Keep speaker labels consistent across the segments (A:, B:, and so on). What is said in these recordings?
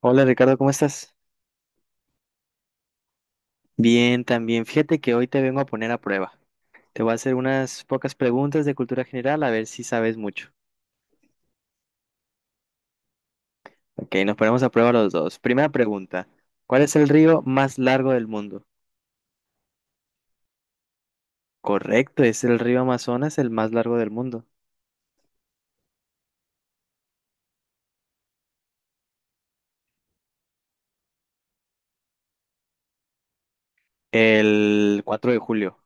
A: Hola Ricardo, ¿cómo estás? Bien, también. Fíjate que hoy te vengo a poner a prueba. Te voy a hacer unas pocas preguntas de cultura general a ver si sabes mucho. Ok, nos ponemos a prueba los dos. Primera pregunta, ¿cuál es el río más largo del mundo? Correcto, es el río Amazonas, el más largo del mundo. El 4 de julio.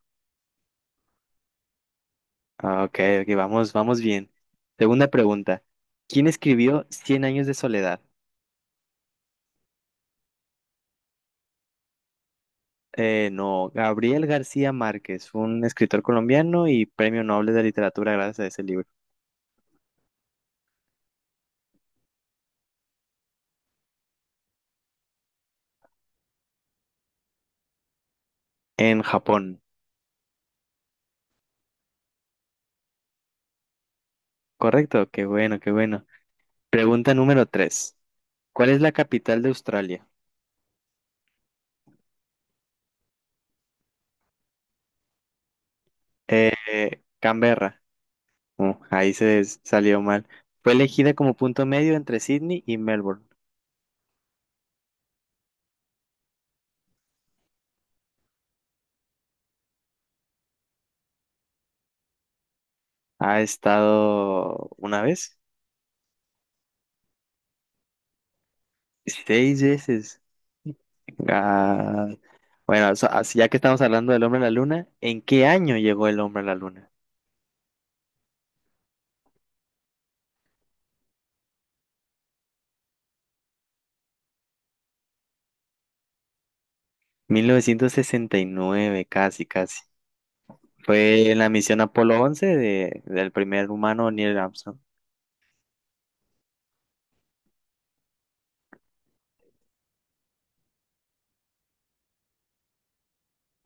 A: Ah, ok, ok, vamos, vamos bien. Segunda pregunta, ¿quién escribió Cien años de soledad? No, Gabriel García Márquez, un escritor colombiano y premio Nobel de Literatura gracias a ese libro. En Japón. Correcto, qué bueno, qué bueno. Pregunta número 3. ¿Cuál es la capital de Australia? Canberra. Ahí salió mal. Fue elegida como punto medio entre Sydney y Melbourne. Ha estado una vez, seis veces. Ah, bueno, así ya que estamos hablando del hombre a la luna, ¿en qué año llegó el hombre a la luna? 1969, casi, casi. Fue en la misión Apolo 11 del primer humano Neil Armstrong.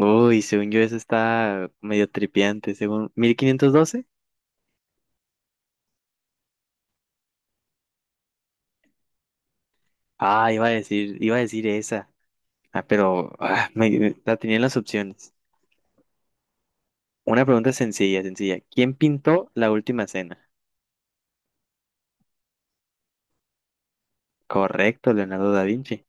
A: Uy, según yo eso está medio tripiante, según 1512. Ah, iba a decir esa. Ah, pero la tenía en las opciones. Una pregunta sencilla, sencilla. ¿Quién pintó la última cena? Correcto, Leonardo da Vinci.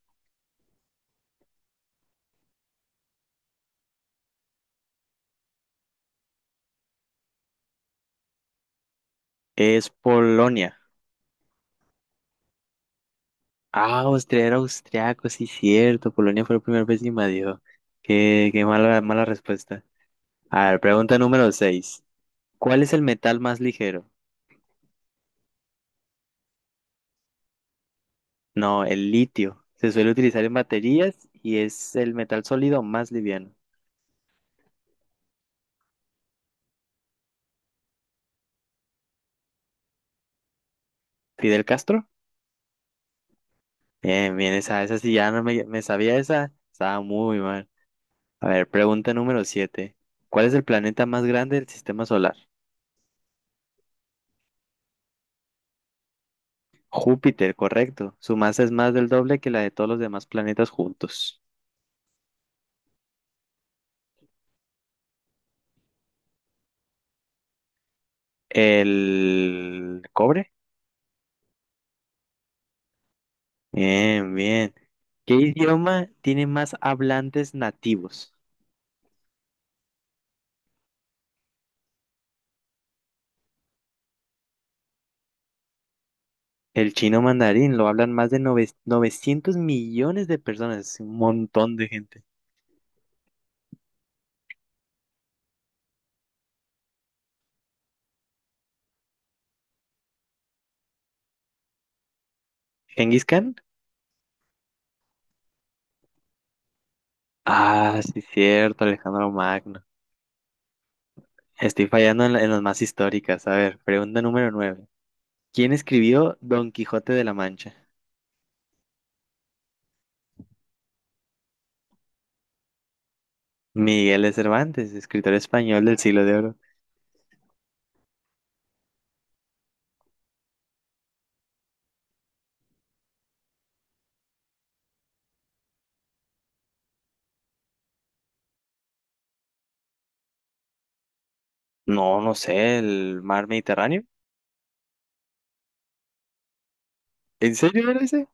A: Es Polonia. Ah, Austria era austriaco, sí, cierto. Polonia fue la primera vez que invadió. Qué mala, mala respuesta. A ver, pregunta número seis. ¿Cuál es el metal más ligero? No, el litio. Se suele utilizar en baterías y es el metal sólido más liviano. ¿Fidel Castro? Bien, bien, esa sí ya no me sabía esa. Estaba muy mal. A ver, pregunta número 7. ¿Cuál es el planeta más grande del sistema solar? Júpiter, correcto. Su masa es más del doble que la de todos los demás planetas juntos. ¿El cobre? Bien, bien. ¿Qué idioma tiene más hablantes nativos? El chino mandarín lo hablan más de 900 millones de personas, es un montón de gente. ¿Genghis Khan? Ah, sí, cierto, Alejandro Magno. Estoy fallando en las más históricas. A ver, pregunta número 9. ¿Quién escribió Don Quijote de la Mancha? Miguel de Cervantes, escritor español del siglo de oro. No, no sé, el mar Mediterráneo. ¿En serio era ese?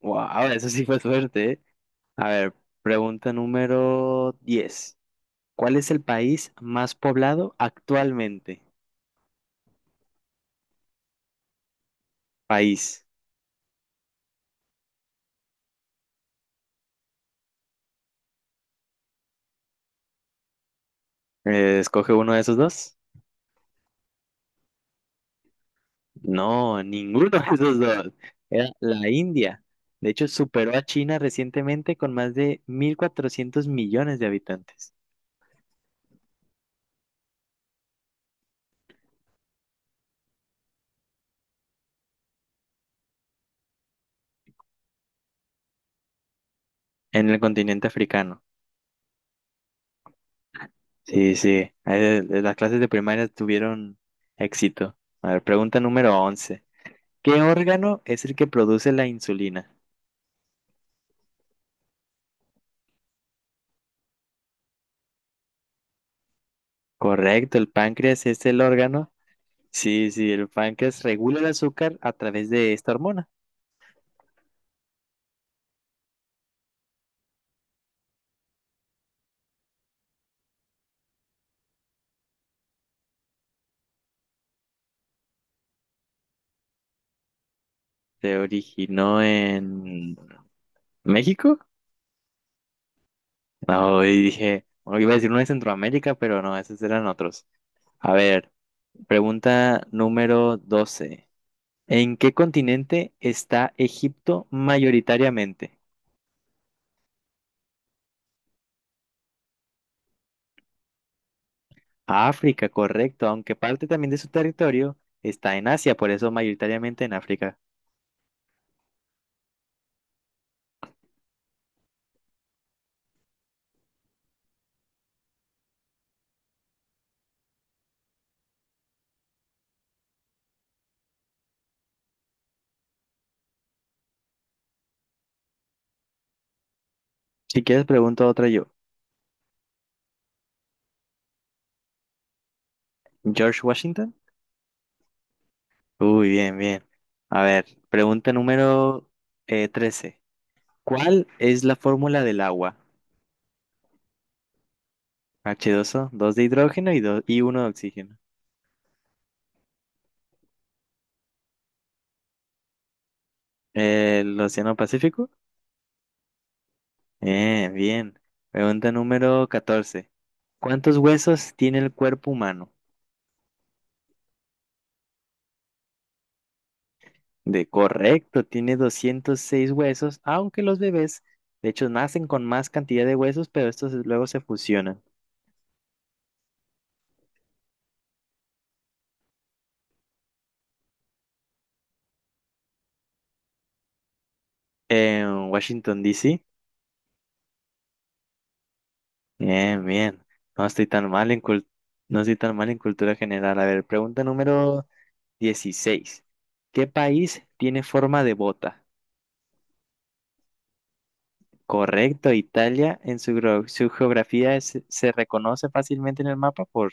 A: Wow, eso sí fue suerte, ¿eh? A ver, pregunta número 10. ¿Cuál es el país más poblado actualmente? País. Escoge uno de esos dos. No, ninguno de esos dos. Era la India. De hecho, superó a China recientemente con más de 1.400 millones de habitantes. En el continente africano. Sí, sí. Las clases de primaria tuvieron éxito. A ver, pregunta número 11. ¿Qué órgano es el que produce la insulina? Correcto, el páncreas es el órgano. Sí, sí, el páncreas regula el azúcar a través de esta hormona. Se originó en México. No, y dije, bueno, iba a decir uno de Centroamérica, pero no, esos eran otros. A ver, pregunta número 12. ¿En qué continente está Egipto mayoritariamente? África, correcto, aunque parte también de su territorio está en Asia, por eso mayoritariamente en África. Si quieres, pregunto otra yo. ¿George Washington? Uy, bien, bien. A ver, pregunta número 13. ¿Cuál es la fórmula del agua? H dos o 2 de hidrógeno y, dos y uno de oxígeno. ¿El Océano Pacífico? Bien. Pregunta número 14. ¿Cuántos huesos tiene el cuerpo humano? De correcto, tiene 206 huesos, aunque los bebés, de hecho, nacen con más cantidad de huesos, pero estos luego se fusionan. En Washington, D. C. Bien, bien. No estoy tan mal en cul- No estoy tan mal en cultura general. A ver, pregunta número 16. ¿Qué país tiene forma de bota? Correcto, Italia. Su geografía se reconoce fácilmente en el mapa por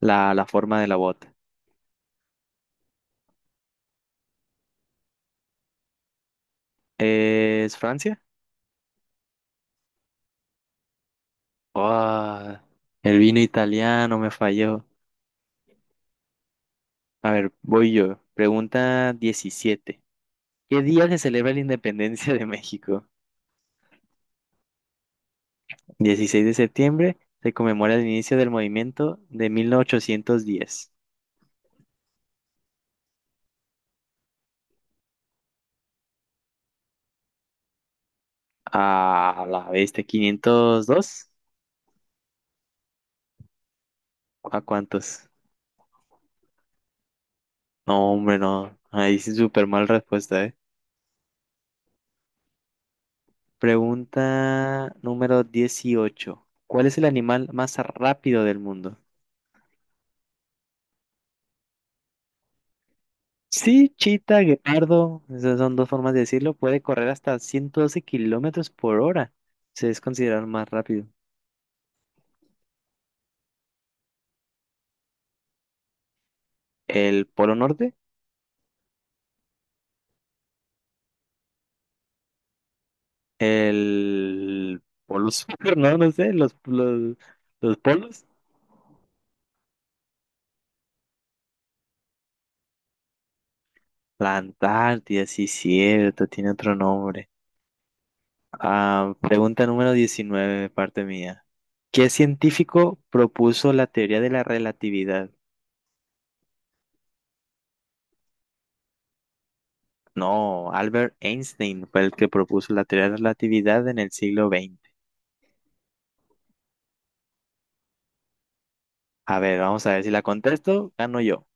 A: la forma de la bota. ¿Es Francia? Ah, el vino italiano me falló. A ver, voy yo. Pregunta 17. ¿Qué día se celebra la independencia de México? 16 de septiembre se conmemora el inicio del movimiento de 1810. A la bestia, 502. ¿A cuántos? No, hombre, no. Ahí sí súper mal respuesta, ¿eh? Pregunta número 18. ¿Cuál es el animal más rápido del mundo? Sí, chita, guepardo. Esas son dos formas de decirlo. Puede correr hasta 112 kilómetros por hora. Se es considerado el más rápido. ¿El Polo Norte? El polo sur, no, no sé, los polos. La Antártida, sí, cierto, tiene otro nombre. Ah, pregunta número 19 parte mía. ¿Qué científico propuso la teoría de la relatividad? No, Albert Einstein fue el que propuso la teoría de la relatividad en el siglo XX. A ver, vamos a ver si la contesto, gano yo.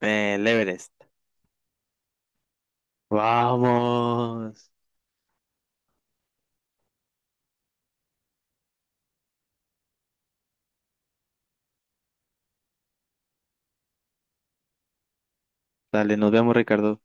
A: El Everest. Vamos. Dale, nos vemos, Ricardo.